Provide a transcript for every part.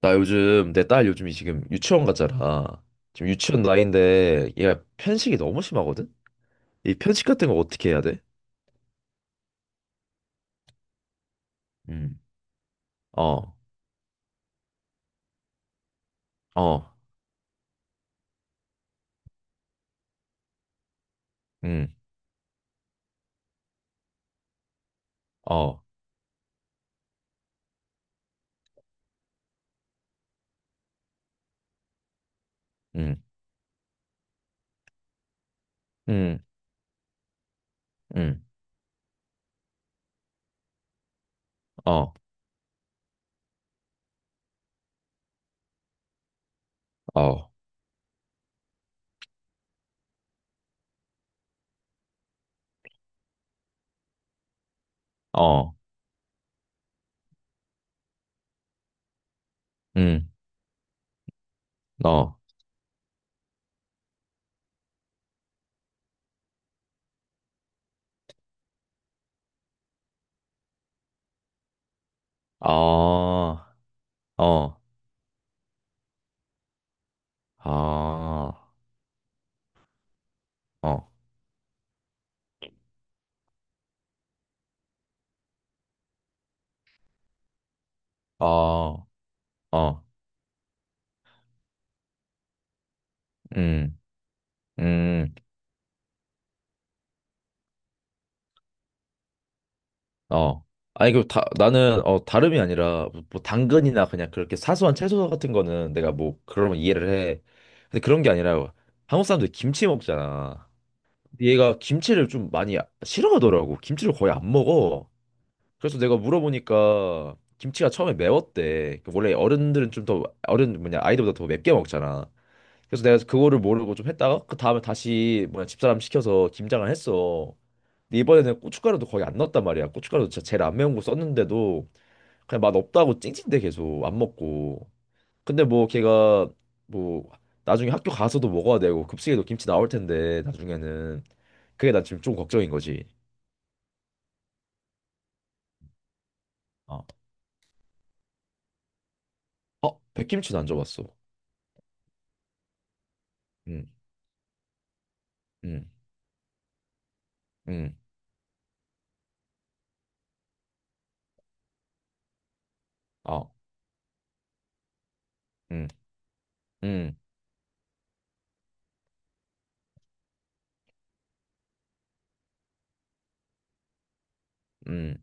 나 요즘 내 딸 요즘이 지금 유치원 가잖아. 지금 유치원 나이인데 얘가 편식이 너무 심하거든. 이 편식 같은 거 어떻게 해야 돼? 음. 어. 어. 음. 어. 음. 음. 음. 어. 어. 어. 음. 어. 아. 어. 아. 어. 어. 어. 음. 음. 어. 아니, 그, 나는, 다름이 아니라, 뭐 당근이나 그냥 그렇게 사소한 채소 같은 거는 내가 뭐, 그러면 이해를 해. 근데 그런 게 아니라, 한국 사람들 이 김치 먹잖아. 근데 얘가 김치를 좀 많이 싫어하더라고. 김치를 거의 안 먹어. 그래서 내가 물어보니까, 김치가 처음에 매웠대. 그 원래 어른들은 좀 더, 어른, 뭐냐, 아이들보다 더 맵게 먹잖아. 그래서 내가 그거를 모르고 좀 했다가, 그 다음에 다시, 뭐냐, 집사람 시켜서 김장을 했어. 근데 이번에는 고춧가루도 거의 안 넣었단 말이야. 고춧가루도 진짜 제일 안 매운 거 썼는데도 그냥 맛 없다고 찡찡대 계속 안 먹고. 근데 뭐 걔가 뭐 나중에 학교 가서도 먹어야 되고 급식에도 김치 나올 텐데 나중에는 그게 난 지금 좀 걱정인 거지. 어, 어, 백김치도 안 줘봤어. 음, 음, 음, 어, 음, 음, 음,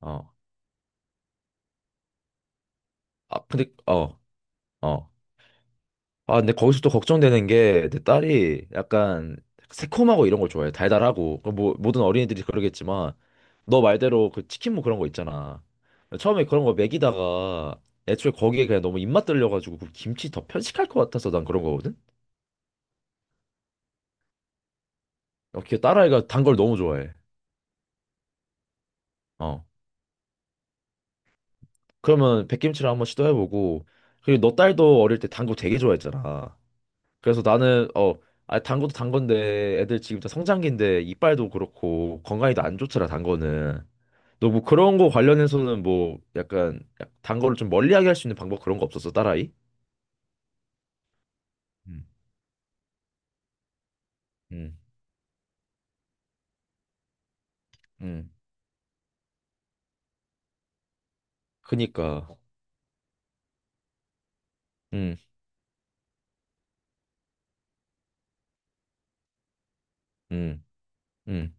어. 아, 근데 어, 어. 아, 근데 거기서 또 걱정되는 게 내 딸이 약간 새콤하고 이런 걸 좋아해. 달달하고. 그뭐 모든 어린이들이 그러겠지만 너 말대로 그 치킨 무 그런 거 있잖아. 처음에 그런 거 먹이다가 애초에 거기에 그냥 너무 입맛 들려가지고 그 김치 더 편식할 것 같아서 난 그런 거거든. 어, 걔 딸아이가 단걸 너무 좋아해. 어. 그러면 백김치를 한번 시도해보고 그리고 너 딸도 어릴 때 단거 되게 좋아했잖아. 그래서 나는 어, 아, 단 것도 단 건데 애들 지금 다 성장기인데 이빨도 그렇고 건강이 도안 좋더라 단 거는. 너 뭐 그런 거 관련해서는 뭐 약간 단 거를 좀 멀리하게 할 수 있는 방법 그런 거 없었어 딸아이? 음. 음, 음, 그니까, 음, 음, 음,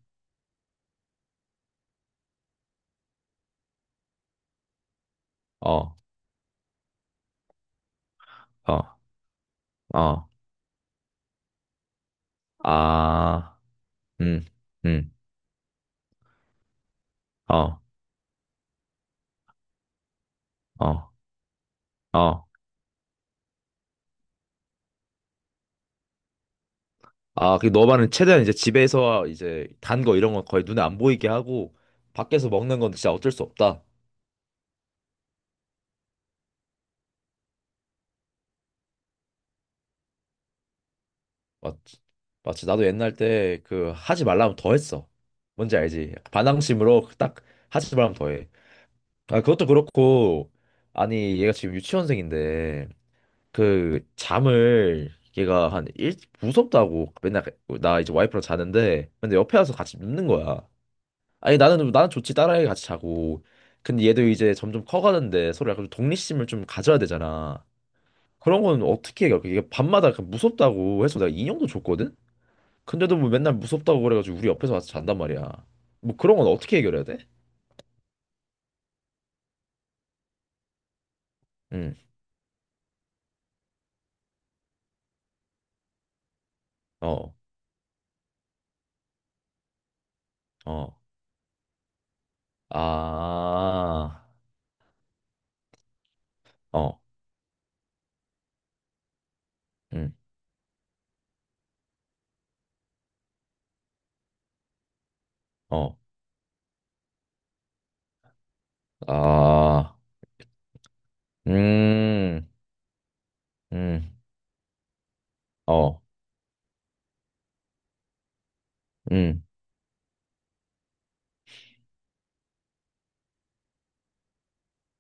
어, 어, 어, 아, 음, 음, 어, 어, 어, 아, 그 너만은 최대한 이제 집에서 이제 단 거 이런 건 거의 눈에 안 보이게 하고 밖에서 먹는 건 진짜 어쩔 수 없다. 맞지. 맞지. 나도 옛날 때 그 하지 말라면 더 했어. 뭔지 알지? 반항심으로 그 딱 하지 말라면 더 해. 아, 그것도 그렇고, 아니, 얘가 지금 유치원생인데, 그 잠을 얘가 한 일, 무섭다고 맨날 그 나 이제 와이프랑 자는데, 근데 옆에 와서 같이 눕는 거야. 아니, 나는 좋지. 딸아이 같이 자고. 근데 얘도 이제 점점 커가는데 서로 약간 좀 독립심을 좀 가져야 되잖아. 그런 건 어떻게 해? 이게 밤마다 그 무섭다고 해서 내가 인형도 줬거든? 근데도 뭐 맨날 무섭다고 그래가지고 우리 옆에서 와서 잔단 말이야. 뭐 그런 건 어떻게 해결해야 돼? 응, 어, 어, 아, 어, 응, 어, 아, 음, 음, 어, 음,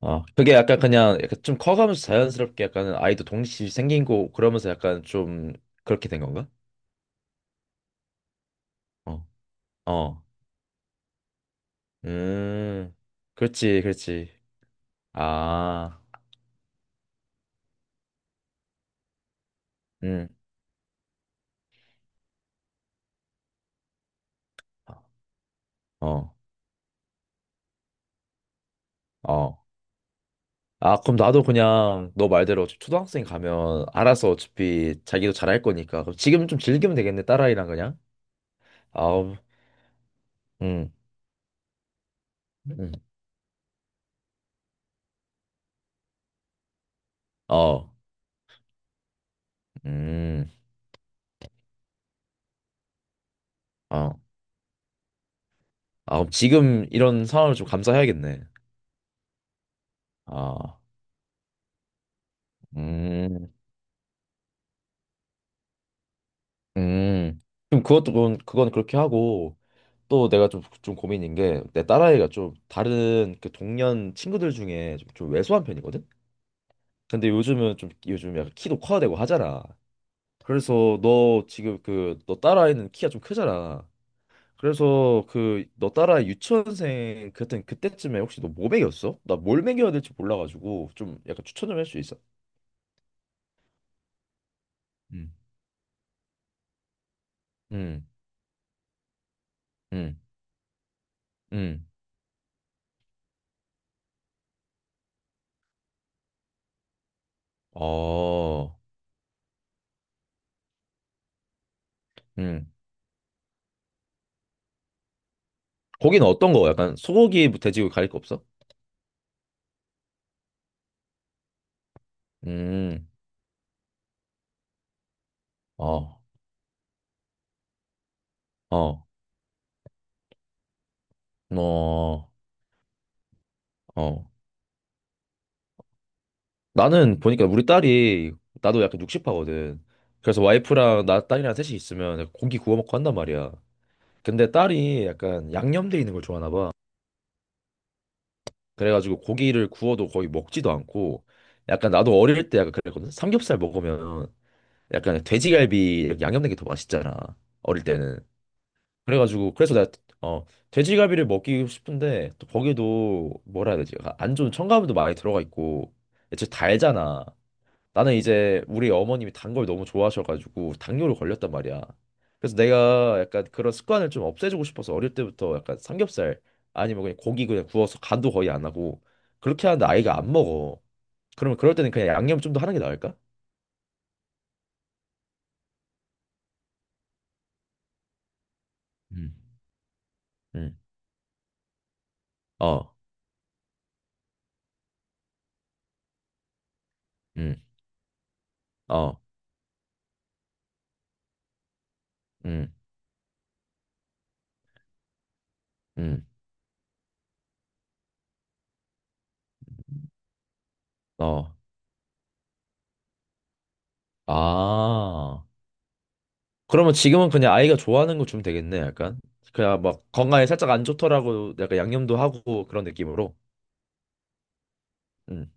어. 그게 약간 그냥 약간 좀 커가면서 자연스럽게 약간 아이도 독립심이 생긴 거 그러면서 약간 좀 그렇게 된 건가? 어, 어, 음, 그렇지, 그렇지. 아, 음, 어, 어. 아, 그럼 나도 그냥 너 말대로 어차피 초등학생 가면 알아서 어차피 자기도 잘할 거니까. 그럼 지금 좀 즐기면 되겠네, 딸아이랑 그냥. 아우, 음, 음, 어, 음, 어. 아, 그럼 지금 이런 상황을 좀 감수해야겠네. 아, 음, 음. 그럼 그것도, 그건 그렇게 하고, 또 내가 좀 고민인 게, 내 딸아이가 좀 다른 그 동년 친구들 중에 좀 왜소한 편이거든? 근데 요즘은 좀, 요즘 약간 키도 커야 되고 하잖아. 그래서 너 지금 그 너 딸아이는 키가 좀 크잖아. 그래서 그 너 딸아이 유치원생 그때 그때쯤에 혹시 너 뭐 먹였어? 나 뭘 먹여야 될지 몰라가지고 좀 약간 추천 좀 할 수 있어? 음. 음, 음, 음. 어, 음. 고기는 어떤 거? 약간 소고기, 뭐 돼지고기 가릴 거 없어? 음, 어, 어, 어, 어. 나는 보니까 우리 딸이 나도 약간 육식파거든. 그래서 와이프랑 나 딸이랑 셋이 있으면 고기 구워 먹고 한단 말이야. 근데 딸이 약간 양념돼 있는 걸 좋아하나 봐. 그래가지고 고기를 구워도 거의 먹지도 않고 약간 나도 어릴 때 약간 그랬거든. 삼겹살 먹으면 약간 돼지갈비 이렇게 양념된 게 더 맛있잖아. 어릴 때는. 그래가지고 그래서 내가 어 돼지갈비를 먹기 싶은데 또 거기도 뭐라 해야 되지? 안 좋은 첨가물도 많이 들어가 있고 진짜 달잖아. 나는 이제 우리 어머님이 단 걸 너무 좋아하셔가지고 당뇨로 걸렸단 말이야. 그래서 내가 약간 그런 습관을 좀 없애주고 싶어서 어릴 때부터 약간 삼겹살 아니면 그냥 고기 그냥 구워서 간도 거의 안 하고 그렇게 하는데 아이가 안 먹어. 그러면 그럴 때는 그냥 양념 좀 더 하는 게 나을까? 음. 음, 어, 음, 어, 음, 음, 어. 아. 그러면 지금은 그냥 아이가 좋아하는 거 주면 되겠네, 약간. 그냥 막 건강에 살짝 안 좋더라고 약간 양념도 하고 그런 느낌으로. 음,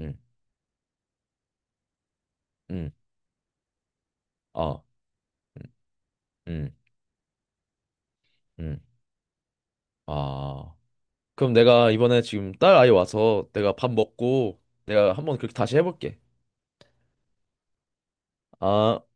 음, 음. 아, 음, 음. 음. 아. 그럼 내가 이번에 지금 딸 아이 와서 내가 밥 먹고 내가 한번 그렇게 다시 해볼게. 아.